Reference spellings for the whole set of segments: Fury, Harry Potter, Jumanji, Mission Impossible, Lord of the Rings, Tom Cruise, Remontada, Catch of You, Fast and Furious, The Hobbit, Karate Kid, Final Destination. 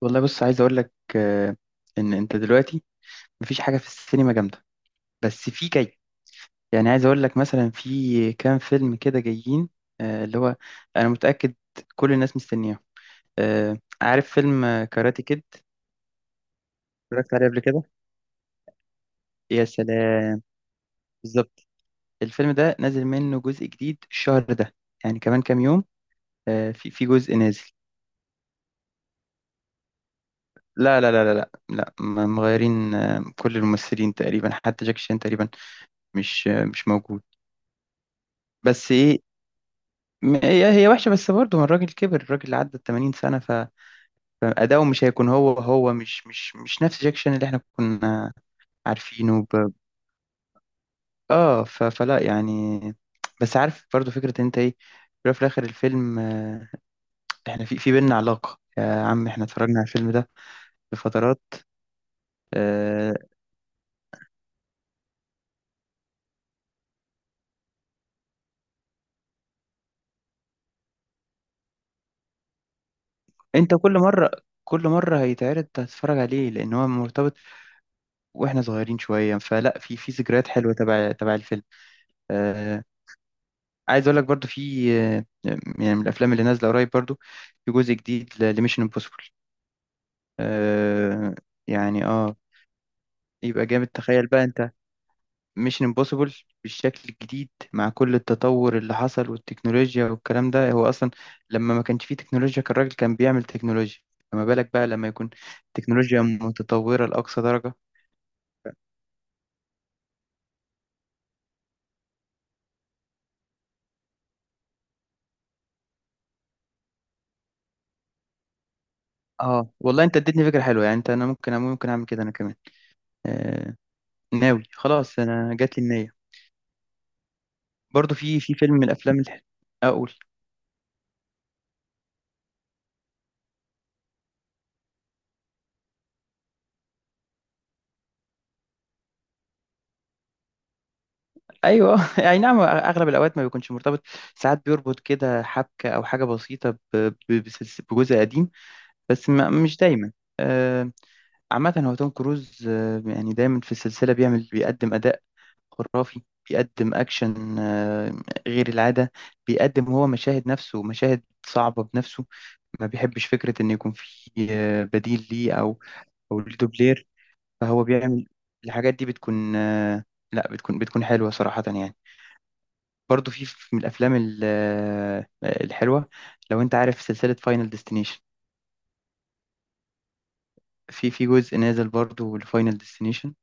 والله بص عايز اقول لك، ان انت دلوقتي مفيش حاجه في السينما جامده. بس في جاي. يعني عايز اقول لك مثلا في كام فيلم كده جايين، اللي هو انا متاكد كل الناس مستنياه. عارف فيلم كاراتي كيد. اتفرجت عليه قبل كده. يا سلام. بالظبط. الفيلم ده نازل منه جزء جديد الشهر ده، يعني كمان كام يوم. في جزء نازل. لا لا لا لا لا لا، مغيرين كل الممثلين تقريبا، حتى جاكي شان تقريبا مش موجود. بس ايه، هي وحشة. بس برضه هو الراجل كبر، الراجل عدى ال 80 سنة فأداؤه مش هيكون هو، مش نفس جاك شان اللي احنا كنا عارفينه. اه، فلا يعني. بس عارف، برضه فكرة إن انت ايه، في الأول وفي الآخر الفيلم، احنا في بينا علاقة يا عم، احنا اتفرجنا على الفيلم ده بفترات. آه... انت كل مرة هيتعرض هتتفرج عليه، لأن هو مرتبط، واحنا صغيرين شوية، فلا في ذكريات حلوة تبع الفيلم. آه، عايز اقول لك برضو في، يعني من الافلام اللي نازله قريب، برضو في جزء جديد لميشن امبوسيبل. آه يعني اه. يبقى جامد. تخيل بقى انت، ميشن امبوسيبل بالشكل الجديد مع كل التطور اللي حصل، والتكنولوجيا والكلام ده. هو اصلا لما ما كانش فيه تكنولوجيا كان الراجل كان بيعمل تكنولوجيا، فما بالك بقى لما يكون تكنولوجيا متطوره لاقصى درجه. اه والله انت اديتني فكره حلوه، يعني انت، انا ممكن اعمل كده انا كمان. آه ناوي خلاص، انا جات لي النيه. برضو في فيلم من الافلام اللي اقول. ايوه اي نعم، اغلب الاوقات ما بيكونش مرتبط، ساعات بيربط كده حبكه او حاجه بسيطه بجزء قديم، بس ما مش دايما. آه، عامه هو توم كروز، يعني دايما في السلسله بيقدم اداء خرافي. بيقدم اكشن غير العاده. بيقدم هو مشاهد نفسه، مشاهد صعبه بنفسه. ما بيحبش فكره ان يكون في بديل ليه، او ليه دوبلير. فهو بيعمل الحاجات دي، بتكون لا، بتكون حلوة صراحة يعني. برضو من الأفلام الحلوة. لو أنت عارف سلسلة فاينل ديستنيشن، في جزء نازل برضو لفاينل ديستنيشن.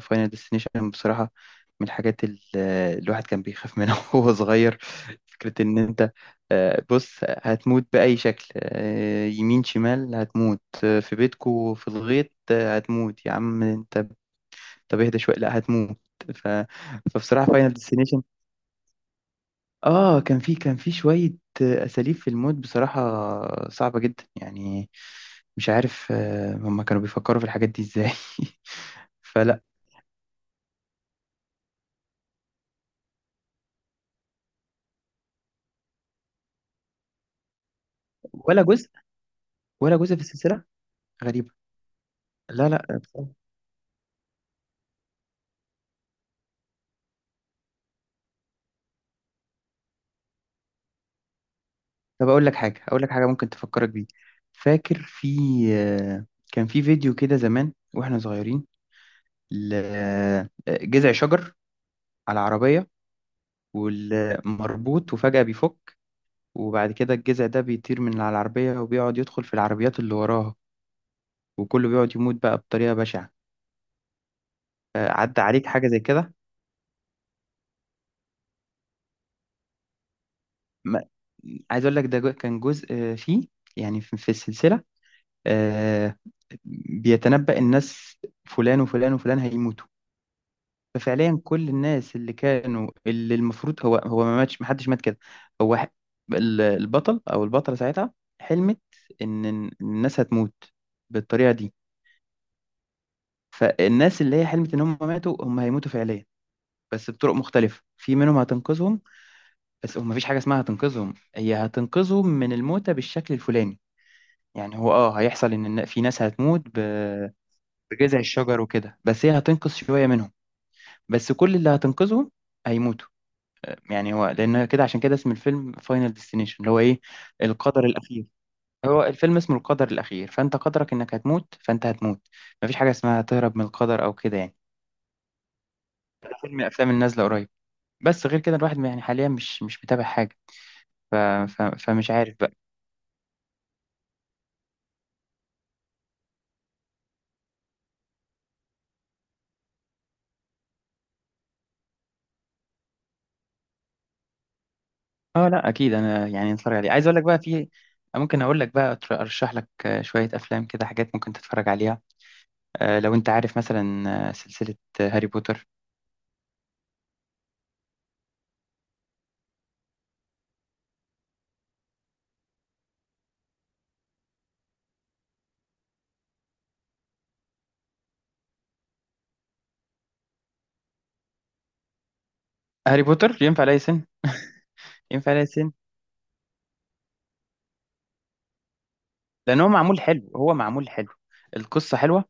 فاينل ديستنيشن بصراحة من الحاجات الواحد كان بيخاف منها وهو صغير. فكرة إن أنت، بص، هتموت بأي شكل، يمين شمال هتموت، في بيتكو في الغيط، هتموت يا عم أنت. طب اهدى شويه، لا هتموت. ف... فبصراحه فاينل ديستنيشن، اه كان في شويه اساليب في الموت بصراحه، صعبه جدا يعني. مش عارف، هما كانوا بيفكروا في الحاجات دي ازاي؟ فلا. ولا جزء. ولا جزء في السلسله. غريبه. لا، لا بصراحة. طب اقول لك حاجه، اقول لك حاجه ممكن تفكرك بيه. فاكر في، آه، كان في فيديو كده زمان واحنا صغيرين، لجذع شجر على عربيه والمربوط، وفجاه بيفك، وبعد كده الجذع ده بيطير من على العربية، وبيقعد يدخل في العربيات اللي وراها، وكله بيقعد يموت بقى بطريقة بشعة. عدى عليك حاجة زي كده؟ ما- عايز أقول لك ده كان جزء فيه، يعني في السلسلة، آه، بيتنبأ الناس فلان وفلان وفلان هيموتوا. ففعليا كل الناس اللي كانوا، اللي المفروض هو ما ماتش، محدش مات كده. هو البطل أو البطلة ساعتها حلمت إن الناس هتموت بالطريقة دي. فالناس اللي هي حلمت ان هم ماتوا، هم هيموتوا فعليا، بس بطرق مختلفة، في منهم هتنقذهم. بس هم، مفيش حاجة اسمها هتنقذهم، هي هتنقذهم من الموتة بالشكل الفلاني. يعني هو، هيحصل ان في ناس هتموت بجذع الشجر وكده، بس هي هتنقذ شوية منهم. بس كل اللي هتنقذهم هيموتوا، يعني هو لان كده، عشان كده اسم الفيلم فاينل ديستنيشن اللي هو ايه، القدر الاخير. هو الفيلم اسمه القدر الاخير، فانت قدرك انك هتموت، فانت هتموت. مفيش حاجة اسمها تهرب من القدر او كده يعني. فيلم من الافلام اللي نازلة قريب، بس غير كده الواحد يعني حاليا مش متابع حاجة. ف... فمش عارف بقى. اه لا، اكيد انا يعني اتفرج عليه. عايز اقول لك بقى في ممكن اقول لك بقى، ارشح لك شوية افلام كده، حاجات ممكن تتفرج عليها. لو انت عارف مثلا سلسلة هاري بوتر. هاري بوتر ينفع لأي سن. ينفع لأي سن، لان هو معمول حلو، هو معمول حلو. القصة حلوة.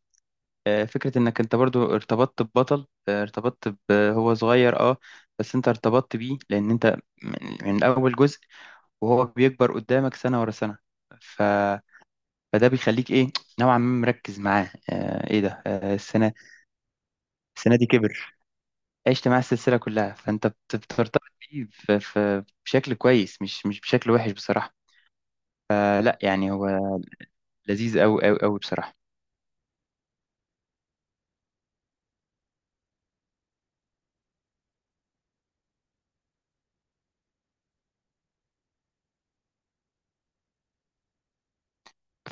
فكرة انك انت برضو ارتبطت ببطل، ارتبطت هو صغير اه، بس انت ارتبطت بيه، لان انت من اول جزء وهو بيكبر قدامك، سنة ورا سنة. ف... فده بيخليك ايه، نوعا ما مركز معاه. ايه ده، السنة دي كبر. عشت معاه السلسلة كلها، فانت بترتبط بيه بشكل كويس، مش بشكل وحش بصراحة. لا يعني، هو لذيذ أوي أوي أوي بصراحة.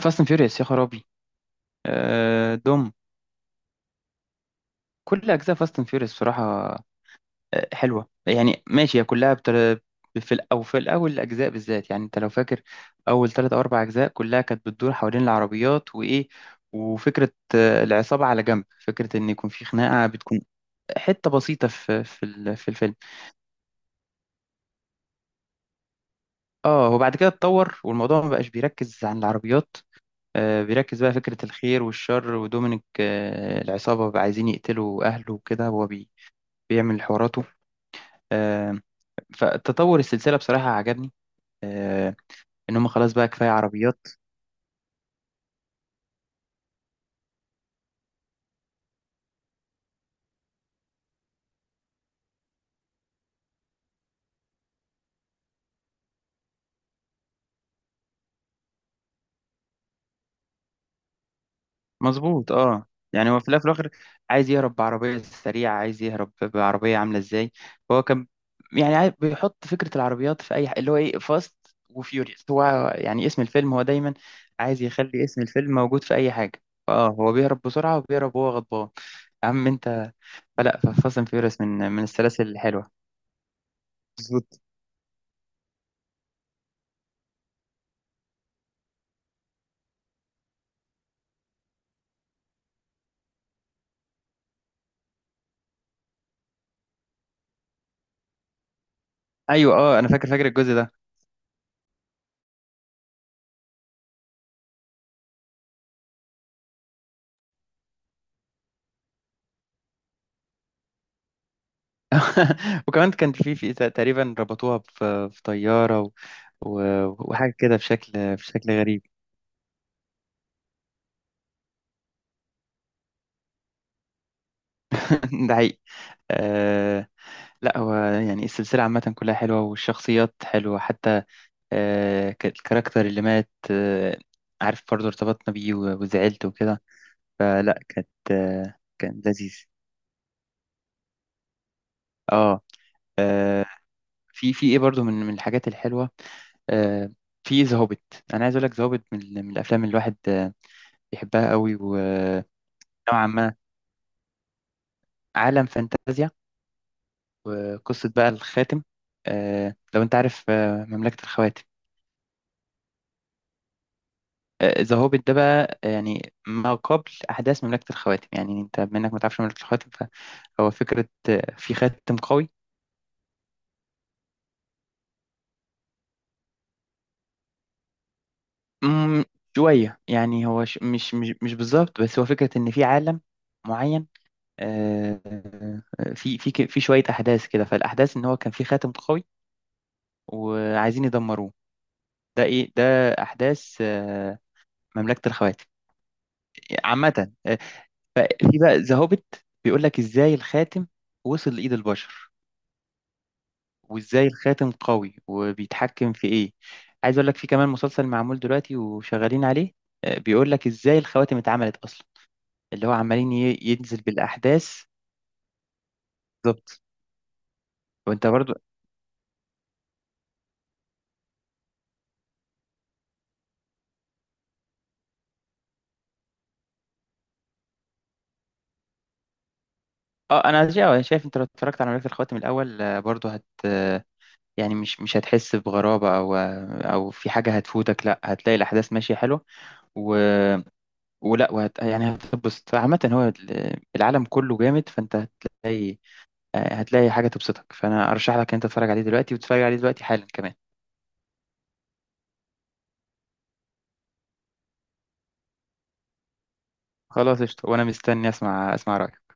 فاست اند فيوريوس يا خرابي. دوم. كل أجزاء فاست اند فيوريوس بصراحة حلوة يعني، ماشي هي كلها بتر... أو في الأول، الأجزاء بالذات، يعني أنت لو فاكر أول ثلاث أو أربع أجزاء كلها كانت بتدور حوالين العربيات وإيه، وفكرة العصابة على جنب، فكرة إن يكون في خناقة بتكون حتة بسيطة في الفيلم. وبعد كده اتطور، والموضوع ما بقاش بيركز عن العربيات. بيركز بقى فكرة الخير والشر، ودومينيك العصابة بقى عايزين يقتلوا أهله وكده، هو بيعمل حواراته. آه، فتطور السلسلة بصراحة عجبني، آه، ان هم خلاص بقى كفايه عربيات. مظبوط اه. يعني هو في الاول وفي الاخر عايز يهرب بعربيه سريعه، عايز يهرب بعربيه عامله ازاي. هو كان يعني بيحط فكره العربيات في اي اللي هو ايه، فاست وفيوريوس. هو يعني اسم الفيلم، هو دايما عايز يخلي اسم الفيلم موجود في اي حاجه. اه هو بيهرب بسرعه، وبيهرب وهو غضبان يا عم انت. فلا فاست اند فيوريوس من السلاسل الحلوه. مظبوط ايوه. اه، انا فاكر الجزء ده. وكمان كان في تقريبا ربطوها في طيارة، و... وحاجة كده بشكل غريب. ده حقيقي. آه... لا هو يعني السلسلة عامة كلها حلوة، والشخصيات حلوة حتى الكاركتر اللي مات، عارف برضه ارتبطنا بيه وزعلت وكده، فلا كانت، كان لذيذ اه. آه، في ايه برضه من الحاجات الحلوة. آه... في ذا هوبيت. انا عايز اقول لك، ذا هوبيت من الافلام اللي الواحد بيحبها قوي، نوعا ما. عالم فانتازيا، وقصة بقى الخاتم. لو انت عارف مملكة الخواتم، ذا هوبيت ده بقى، يعني ما قبل أحداث مملكة الخواتم. يعني انت منك ما تعرفش مملكة الخواتم، فهو فكرة في خاتم قوي. مم، شوية يعني هو مش بالظبط، بس هو فكرة إن في عالم معين. آه، في شوية أحداث كده، فالأحداث إن هو كان في خاتم قوي وعايزين يدمروه. ده إيه ده، أحداث مملكة الخواتم عامة. ففي بقى ذا هوبيت بيقول لك ازاي الخاتم وصل لإيد البشر، وازاي الخاتم قوي وبيتحكم في ايه. عايز اقول لك، في كمان مسلسل معمول دلوقتي وشغالين عليه، بيقول لك ازاي الخواتم اتعملت اصلا، اللي هو عمالين ينزل بالاحداث. بالظبط. وانت برضو، اه أنا شايف انت لو اتفرجت على مملكة الخواتم الاول، برضو هت آه، يعني مش هتحس بغرابة، او في حاجة هتفوتك، لا هتلاقي الاحداث ماشية حلوة، و ولا وهت يعني هتتبسط. عامة هو العالم كله جامد، فانت هتلاقي، هتلاقي حاجة تبسطك. فانا ارشح لك ان انت تتفرج عليه دلوقتي، وتتفرج عليه دلوقتي حالا كمان. خلاص قشطة، وانا مستني اسمع رأيك.